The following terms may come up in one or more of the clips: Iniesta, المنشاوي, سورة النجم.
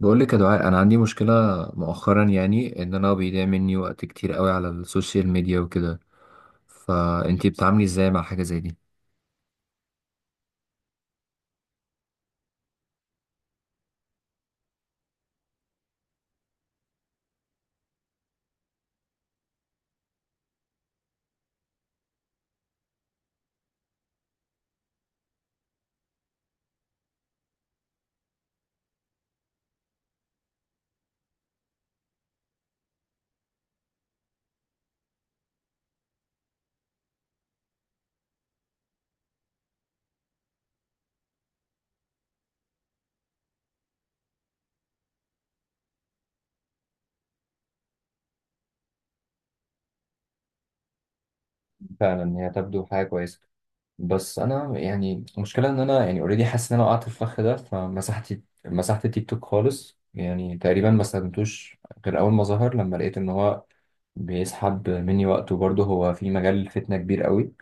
بقول لك يا دعاء، انا عندي مشكله مؤخرا. يعني ان انا بيضيع مني وقت كتير قوي على السوشيال ميديا وكده. فانتي بتعاملي ازاي مع حاجه زي دي؟ فعلا هي تبدو حاجة كويسة. بس أنا يعني المشكلة إن أنا، يعني أوريدي حاسس إن أنا وقعت في الفخ ده، فمسحت التيك توك خالص. يعني تقريبا ما استخدمتوش غير أول ما ظهر، لما لقيت إن هو بيسحب مني وقت، وبرضه هو في مجال فتنة كبير قوي.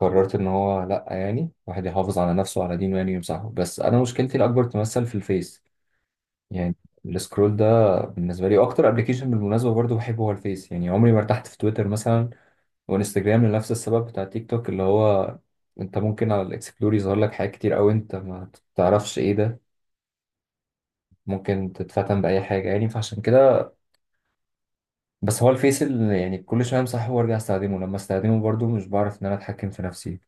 قررت ان هو، لا يعني، واحد يحافظ على نفسه وعلى دينه يعني ويمسحه. بس انا مشكلتي الاكبر تمثل في الفيس يعني. السكرول ده بالنسبه لي اكتر ابلكيشن، بالمناسبه برضو بحبه، هو الفيس. يعني عمري ما ارتحت في تويتر مثلا، وانستجرام لنفس السبب بتاع تيك توك، اللي هو انت ممكن على الاكسبلور يظهر لك حاجات كتير قوي انت ما تعرفش ايه ده. ممكن تتفتن باي حاجه يعني، فعشان كده. بس هو الفيس اللي يعني كل شويه امسحه وارجع استخدمه، لما استخدمه برضو مش بعرف ان انا اتحكم في نفسي.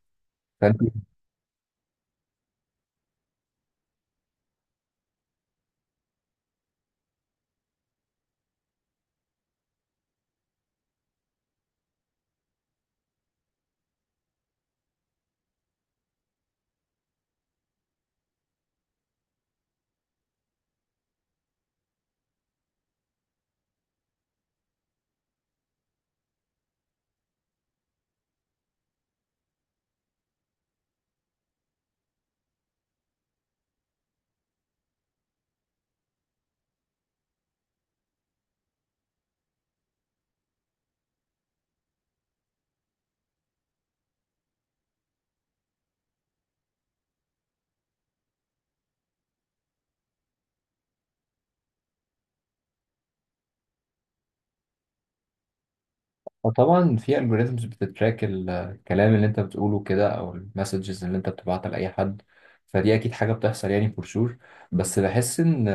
فطبعا في algorithms بتتراك الكلام اللي انت بتقوله كده، او المسجز اللي انت بتبعتها لاي حد. فدي اكيد حاجه بتحصل يعني for sure. بس بحس ان،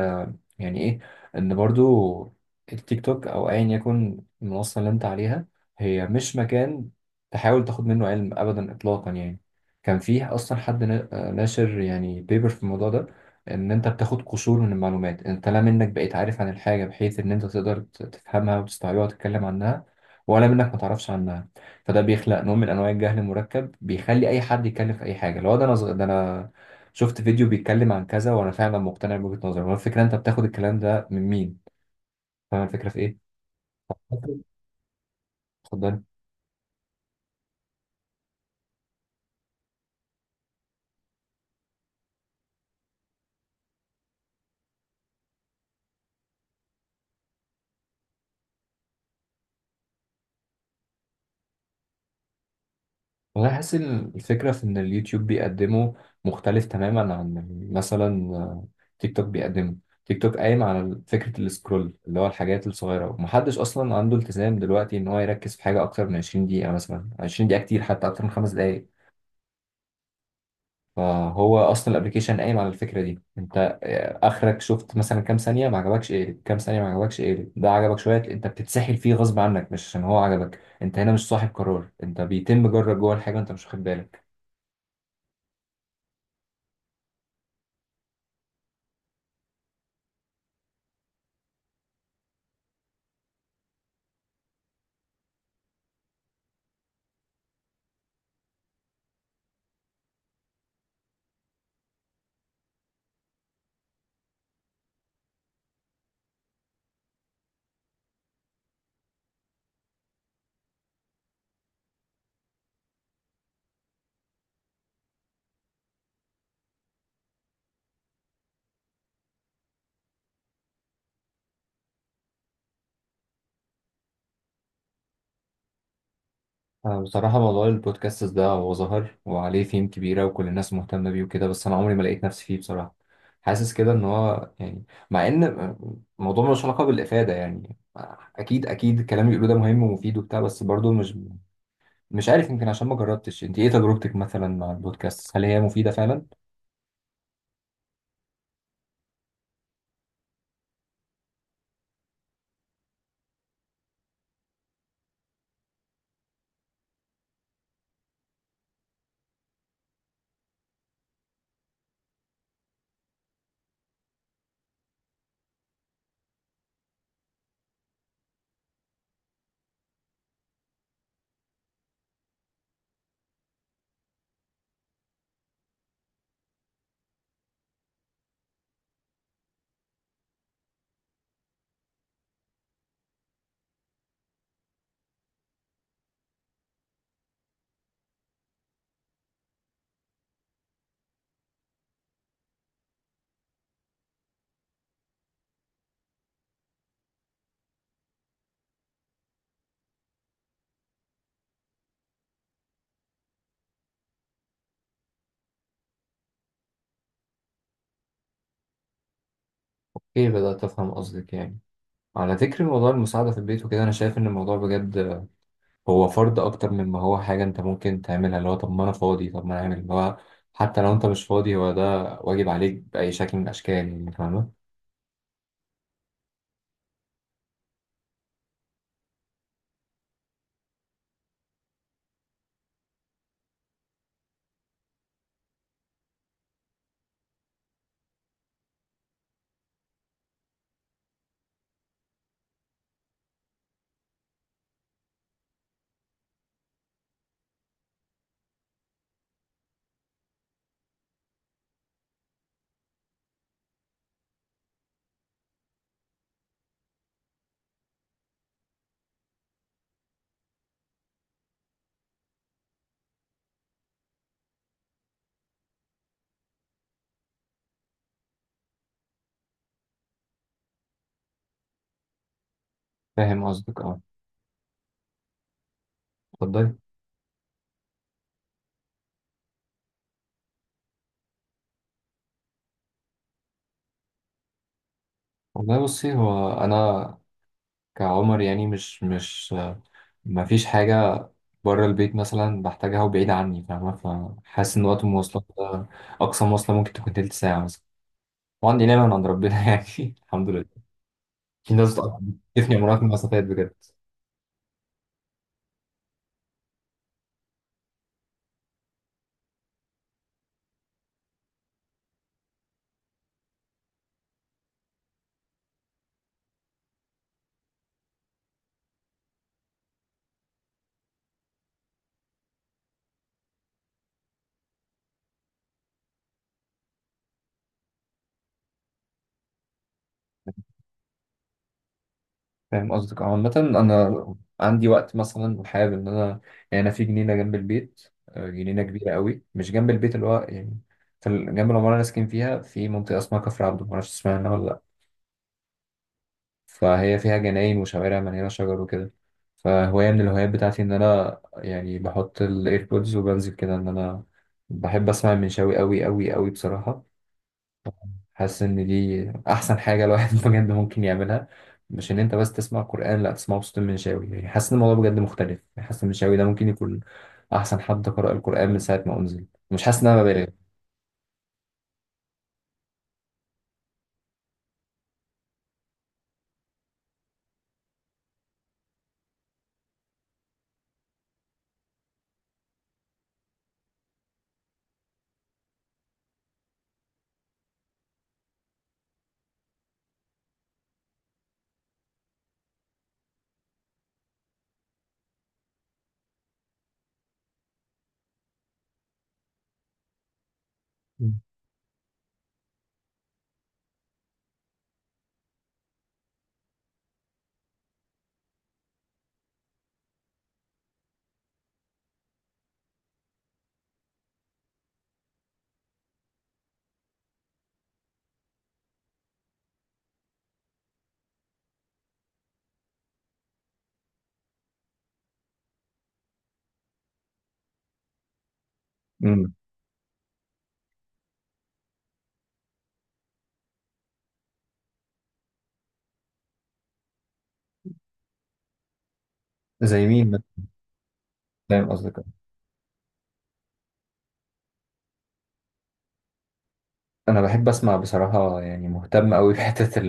يعني ايه، ان برضو التيك توك او ايا يكن المنصه اللي انت عليها، هي مش مكان تحاول تاخد منه علم ابدا اطلاقا يعني. كان فيه اصلا حد ناشر يعني بيبر في الموضوع ده، ان انت بتاخد قشور من المعلومات، انت لا منك بقيت عارف عن الحاجه بحيث ان انت تقدر تفهمها وتستوعبها وتتكلم عنها، ولا منك ما تعرفش عنها. فده بيخلق نوع من انواع الجهل المركب، بيخلي اي حد يتكلم في اي حاجه. لو ده انا ده انا شفت فيديو بيتكلم عن كذا وانا فعلا مقتنع بوجهه نظري، هو الفكره انت بتاخد الكلام ده من مين؟ فاهم الفكره في ايه؟ ممكن. اتفضل. والله حاسس إن الفكره في ان اليوتيوب بيقدمه مختلف تماما عن مثلا تيك توك بيقدمه. تيك توك قايم على فكره السكرول، اللي هو الحاجات الصغيره، ومحدش اصلا عنده التزام دلوقتي ان هو يركز في حاجه اكتر من 20 دقيقه. مثلا 20 دقيقه كتير، حتى اكتر من خمس دقائق. فهو اصلا الابلكيشن قايم على الفكره دي. انت اخرك شفت مثلا كام ثانيه ما عجبكش اقلب، كام ثانيه ما عجبكش اقلب، ده عجبك شويه انت بتتسحل فيه غصب عنك، مش عشان هو عجبك. انت هنا مش صاحب قرار، انت بيتم جرك جوه الحاجه انت مش واخد بالك. بصراحه موضوع البودكاست ده هو ظهر وعليه فيم كبيره وكل الناس مهتمه بيه وكده، بس انا عمري ما لقيت نفسي فيه بصراحه. حاسس كده ان هو يعني، مع ان الموضوع ملوش علاقه بالافاده يعني، اكيد اكيد الكلام اللي بيقولوه ده مهم ومفيد وبتاع، بس برضه مش عارف. يمكن عشان ما جربتش. انت ايه تجربتك مثلا مع البودكاست؟ هل هي مفيدة فعلا؟ ايه، بدأت افهم قصدك يعني. على ذكر موضوع المساعدة في البيت وكده، انا شايف ان الموضوع بجد هو فرض اكتر مما هو حاجة انت ممكن تعملها، اللي هو طب ما انا فاضي طب ما انا اعمل. اللي هو حتى لو انت مش فاضي هو ده واجب عليك بأي شكل من الاشكال يعني، فاهمة؟ فاهم قصدك، اه. اتفضلي. والله بصي، هو انا كعمر يعني، مش ما فيش حاجة بره البيت مثلا بحتاجها وبعيد عني، فاهمة؟ فحاسس إن وقت المواصلات ده، أقصى مواصلة ممكن تكون تلت ساعة مثلا. وعندي نعمة من عند ربنا يعني، الحمد لله. في ناس بتفني عمرها في المسافات بجد. فاهم قصدك. اه، عامة أنا عندي وقت مثلا وحابب إن أنا يعني، أنا في جنينة جنب البيت، جنينة كبيرة قوي مش جنب البيت اللي هو يعني في جنب العمارة اللي أنا ساكن فيها، في منطقة اسمها كفر عبده، معرفش تسمعها ولا لأ. فهي فيها جناين وشوارع مليانة شجر وكده. فهواية من الهوايات بتاعتي إن أنا يعني بحط الإيربودز وبنزل كده، إن أنا بحب أسمع المنشاوي أوي أوي أوي بصراحة. حاسس إن دي أحسن حاجة الواحد بجد ممكن يعملها. مش إن أنت بس تسمع قرآن، لأ، تسمعه بصوت المنشاوي. يعني حاسس إن الموضوع بجد مختلف. يعني حاسس المنشاوي ده ممكن يكون أحسن حد قرأ القرآن من ساعة ما أنزل. مش حاسس إن أنا ببالغ. امم، زي مين مثلاً؟ فاهم قصدك. أنا بحب أسمع بصراحة، يعني مهتم أوي بحتة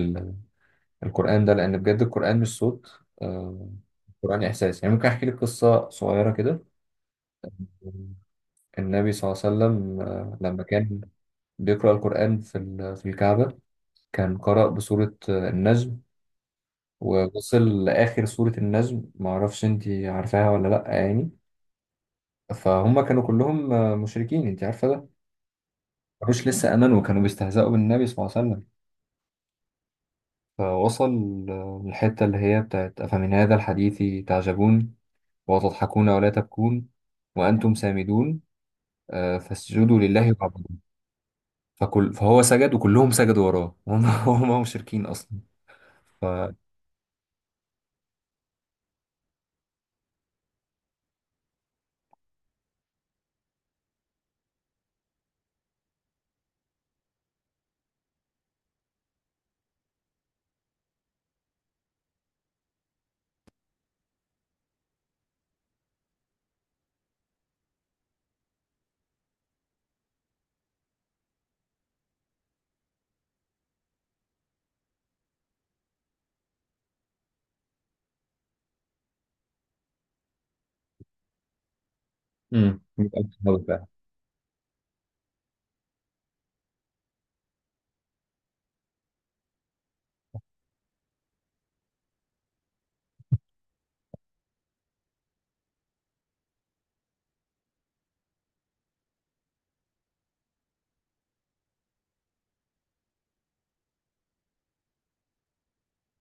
القرآن ده، لأن بجد القرآن مش صوت، القرآن إحساس. يعني ممكن أحكي لك قصة صغيرة كده. النبي صلى الله عليه وسلم لما كان بيقرأ القرآن في في الكعبة، كان قرأ بسورة النجم، ووصل لآخر سورة النجم، معرفش أنت عارفاها ولا لأ يعني. فهم كانوا كلهم مشركين، أنت عارفة ده، مش لسه آمنوا، وكانوا بيستهزئوا بالنبي صلى الله عليه وسلم. فوصل الحتة اللي هي بتاعت أفمن هذا الحديث تعجبون وتضحكون ولا تبكون وأنتم سامدون فاسجدوا لله واعبدوا. فكل فهو سجد، وكلهم سجدوا وراه وهم هم مشركين أصلا. ف، امم، يبقى بتحاول فعلا.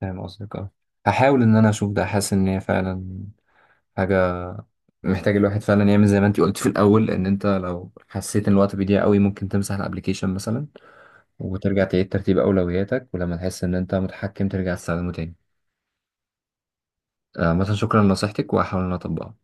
فاهم قصدك، اه. هحاول ان انا اشوف ده. حاسس ان هي فعلا حاجه محتاج الواحد فعلا يعمل، زي ما انت قلت في الاول، ان انت لو حسيت ان الوقت بيضيع قوي ممكن تمسح الابليكيشن مثلا، وترجع تعيد ترتيب اولوياتك، ولما تحس ان انت متحكم ترجع تستخدمه تاني. آه، مثلا شكرا لنصيحتك، وهحاول ان أنا اطبقها.